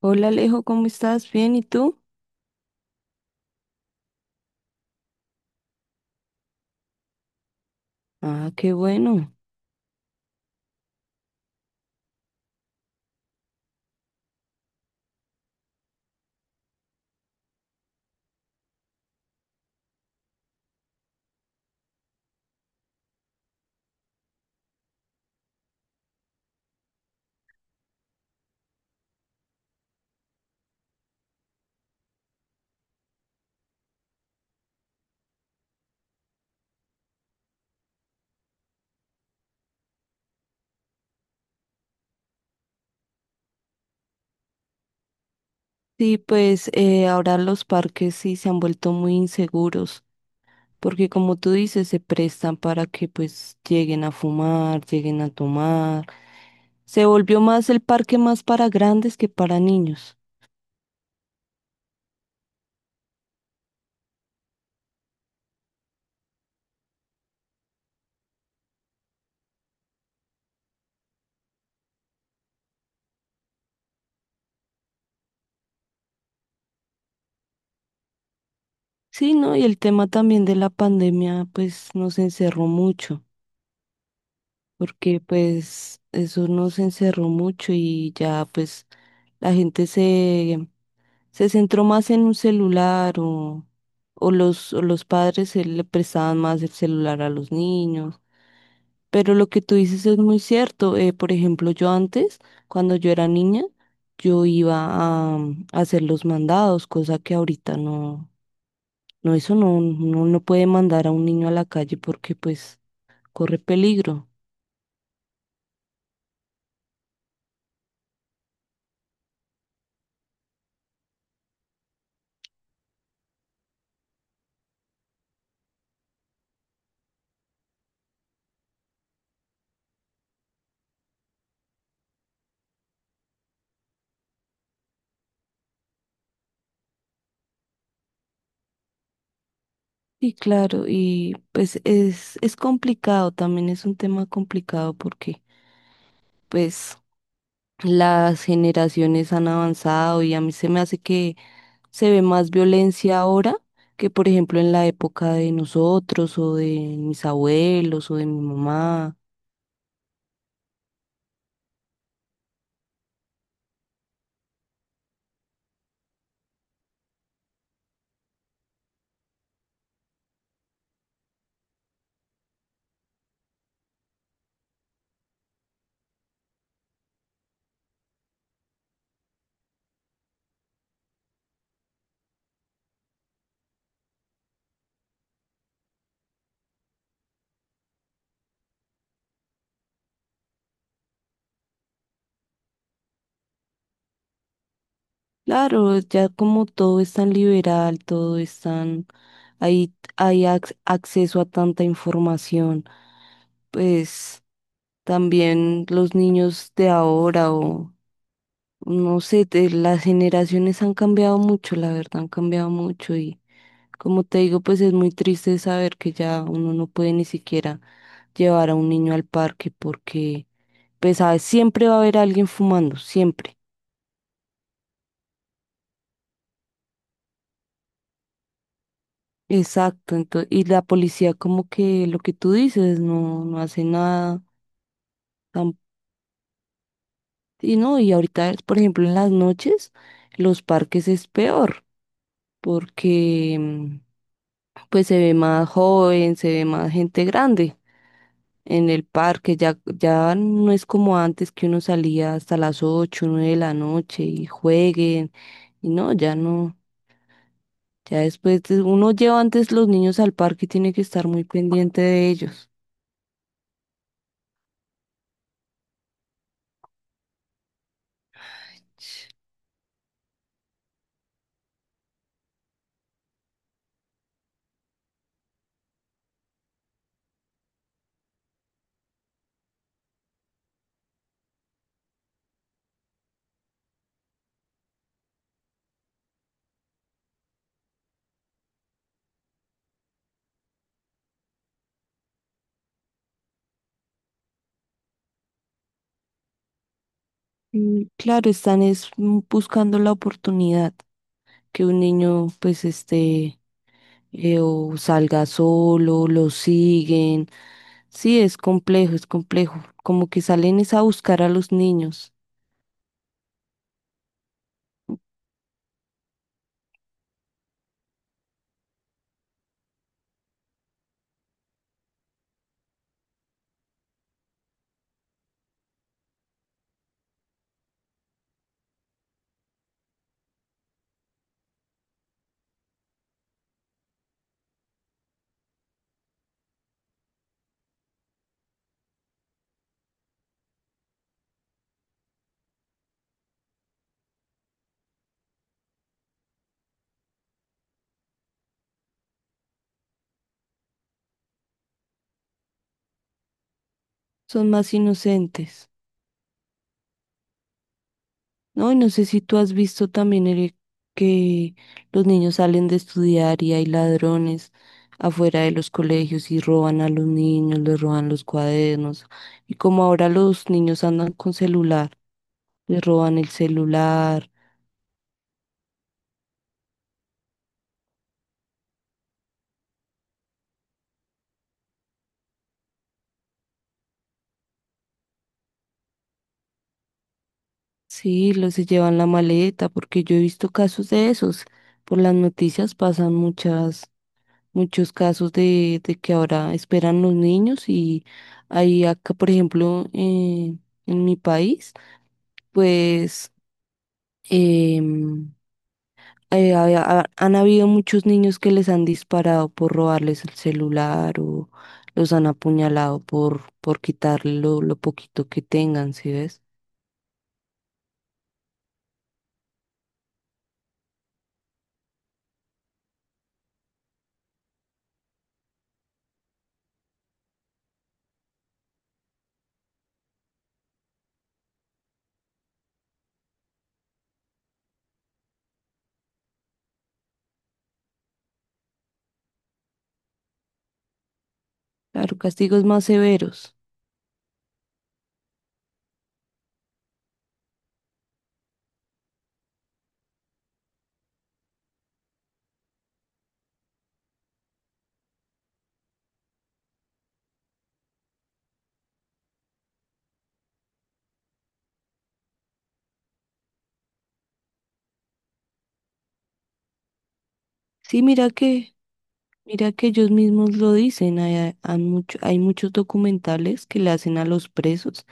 Hola Alejo, ¿cómo estás? Bien, ¿y tú? Ah, qué bueno. Sí, pues ahora los parques sí se han vuelto muy inseguros, porque como tú dices, se prestan para que pues lleguen a fumar, lleguen a tomar. Se volvió más el parque más para grandes que para niños. Sí, ¿no? Y el tema también de la pandemia pues nos encerró mucho, porque pues eso nos encerró mucho y ya pues la gente se centró más en un celular o los padres le prestaban más el celular a los niños. Pero lo que tú dices es muy cierto. Por ejemplo, yo antes, cuando yo era niña, yo iba a, a hacer los mandados, cosa que ahorita no, no, eso no, no, no puede mandar a un niño a la calle porque pues corre peligro. Y claro, y pues es complicado, también es un tema complicado porque pues las generaciones han avanzado y a mí se me hace que se ve más violencia ahora que, por ejemplo, en la época de nosotros o de mis abuelos o de mi mamá. Claro, ya como todo es tan liberal, todo es tan ahí hay acceso a tanta información, pues también los niños de ahora o no sé, las generaciones han cambiado mucho, la verdad, han cambiado mucho y como te digo, pues es muy triste saber que ya uno no puede ni siquiera llevar a un niño al parque porque, pues, ¿sabes? Siempre va a haber alguien fumando, siempre. Exacto, entonces, y la policía como que lo que tú dices, no, no hace nada. tam- Y no, y ahorita, por ejemplo, en las noches, los parques es peor porque, pues, se ve más joven, se ve más gente grande en el parque, ya, ya no es como antes que uno salía hasta las 8 9 de la noche y jueguen, y no, ya no, ya uno lleva antes los niños al parque y tiene que estar muy pendiente de ellos. Y claro, están es buscando la oportunidad que un niño pues esté o salga solo, lo siguen. Sí, es complejo, como que salen es a buscar a los niños, son más inocentes. No, y no sé si tú has visto también, Eric, que los niños salen de estudiar y hay ladrones afuera de los colegios y roban a los niños, les roban los cuadernos. Y como ahora los niños andan con celular, les roban el celular, sí, los se llevan la maleta, porque yo he visto casos de esos. Por las noticias pasan muchas, muchos casos de que ahora esperan los niños y ahí acá, por ejemplo, en mi país. Pues em, han habido muchos niños que les han disparado por robarles el celular o los han apuñalado por quitarle lo poquito que tengan, ¿sí ves? Claro, castigos más severos. Sí, mira que ellos mismos lo dicen, hay, hay muchos documentales que le hacen a los presos.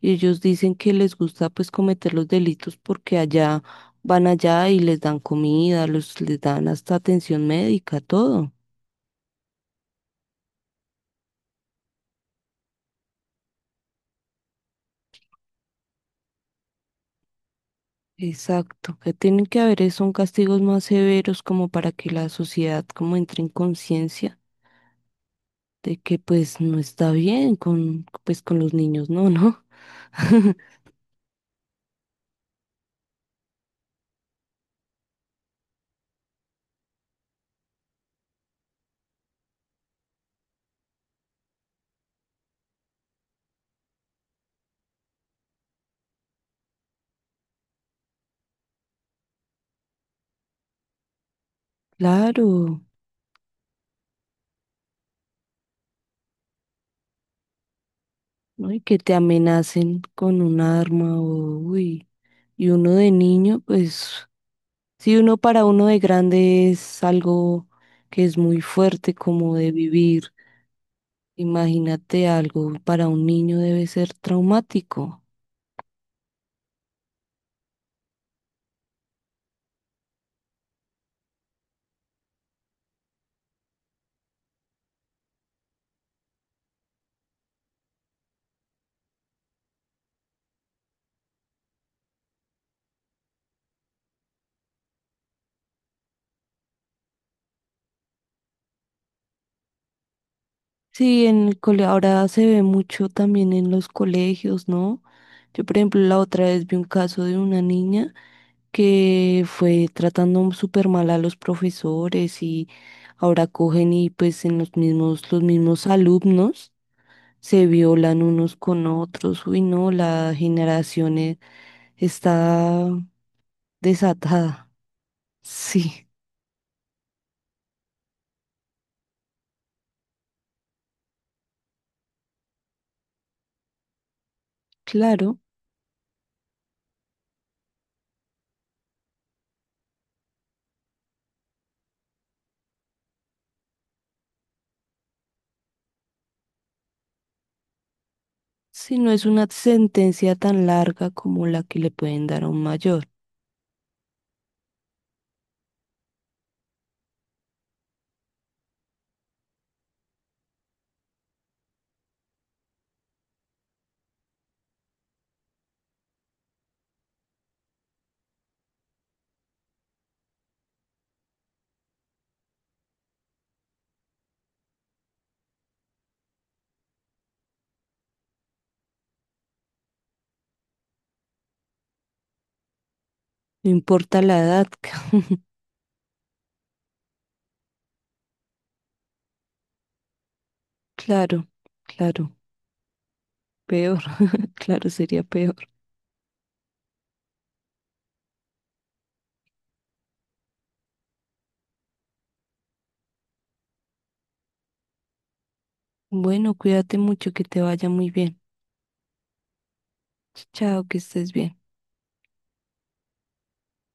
Y ellos dicen que les gusta pues cometer los delitos porque allá van allá y les dan comida, los, les dan hasta atención médica, todo. Exacto, que tienen que haber es son castigos más severos como para que la sociedad como entre en conciencia de que pues no está bien con pues con los niños, no, no. Claro, ¿no? Y que te amenacen con un arma o uy, y uno de niño pues si uno para uno de grande es algo que es muy fuerte como de vivir, imagínate algo para un niño debe ser traumático. Sí, en el cole ahora se ve mucho también en los colegios, ¿no? Yo, por ejemplo, la otra vez vi un caso de una niña que fue tratando súper mal a los profesores y ahora cogen y pues en los mismos alumnos se violan unos con otros. Uy, no, está desatada. Sí, claro, si no es una sentencia tan larga como la que le pueden dar a un mayor. No importa la edad, claro, claro, peor, claro, sería peor. Bueno, cuídate mucho, que te vaya muy bien. Chao, que estés bien.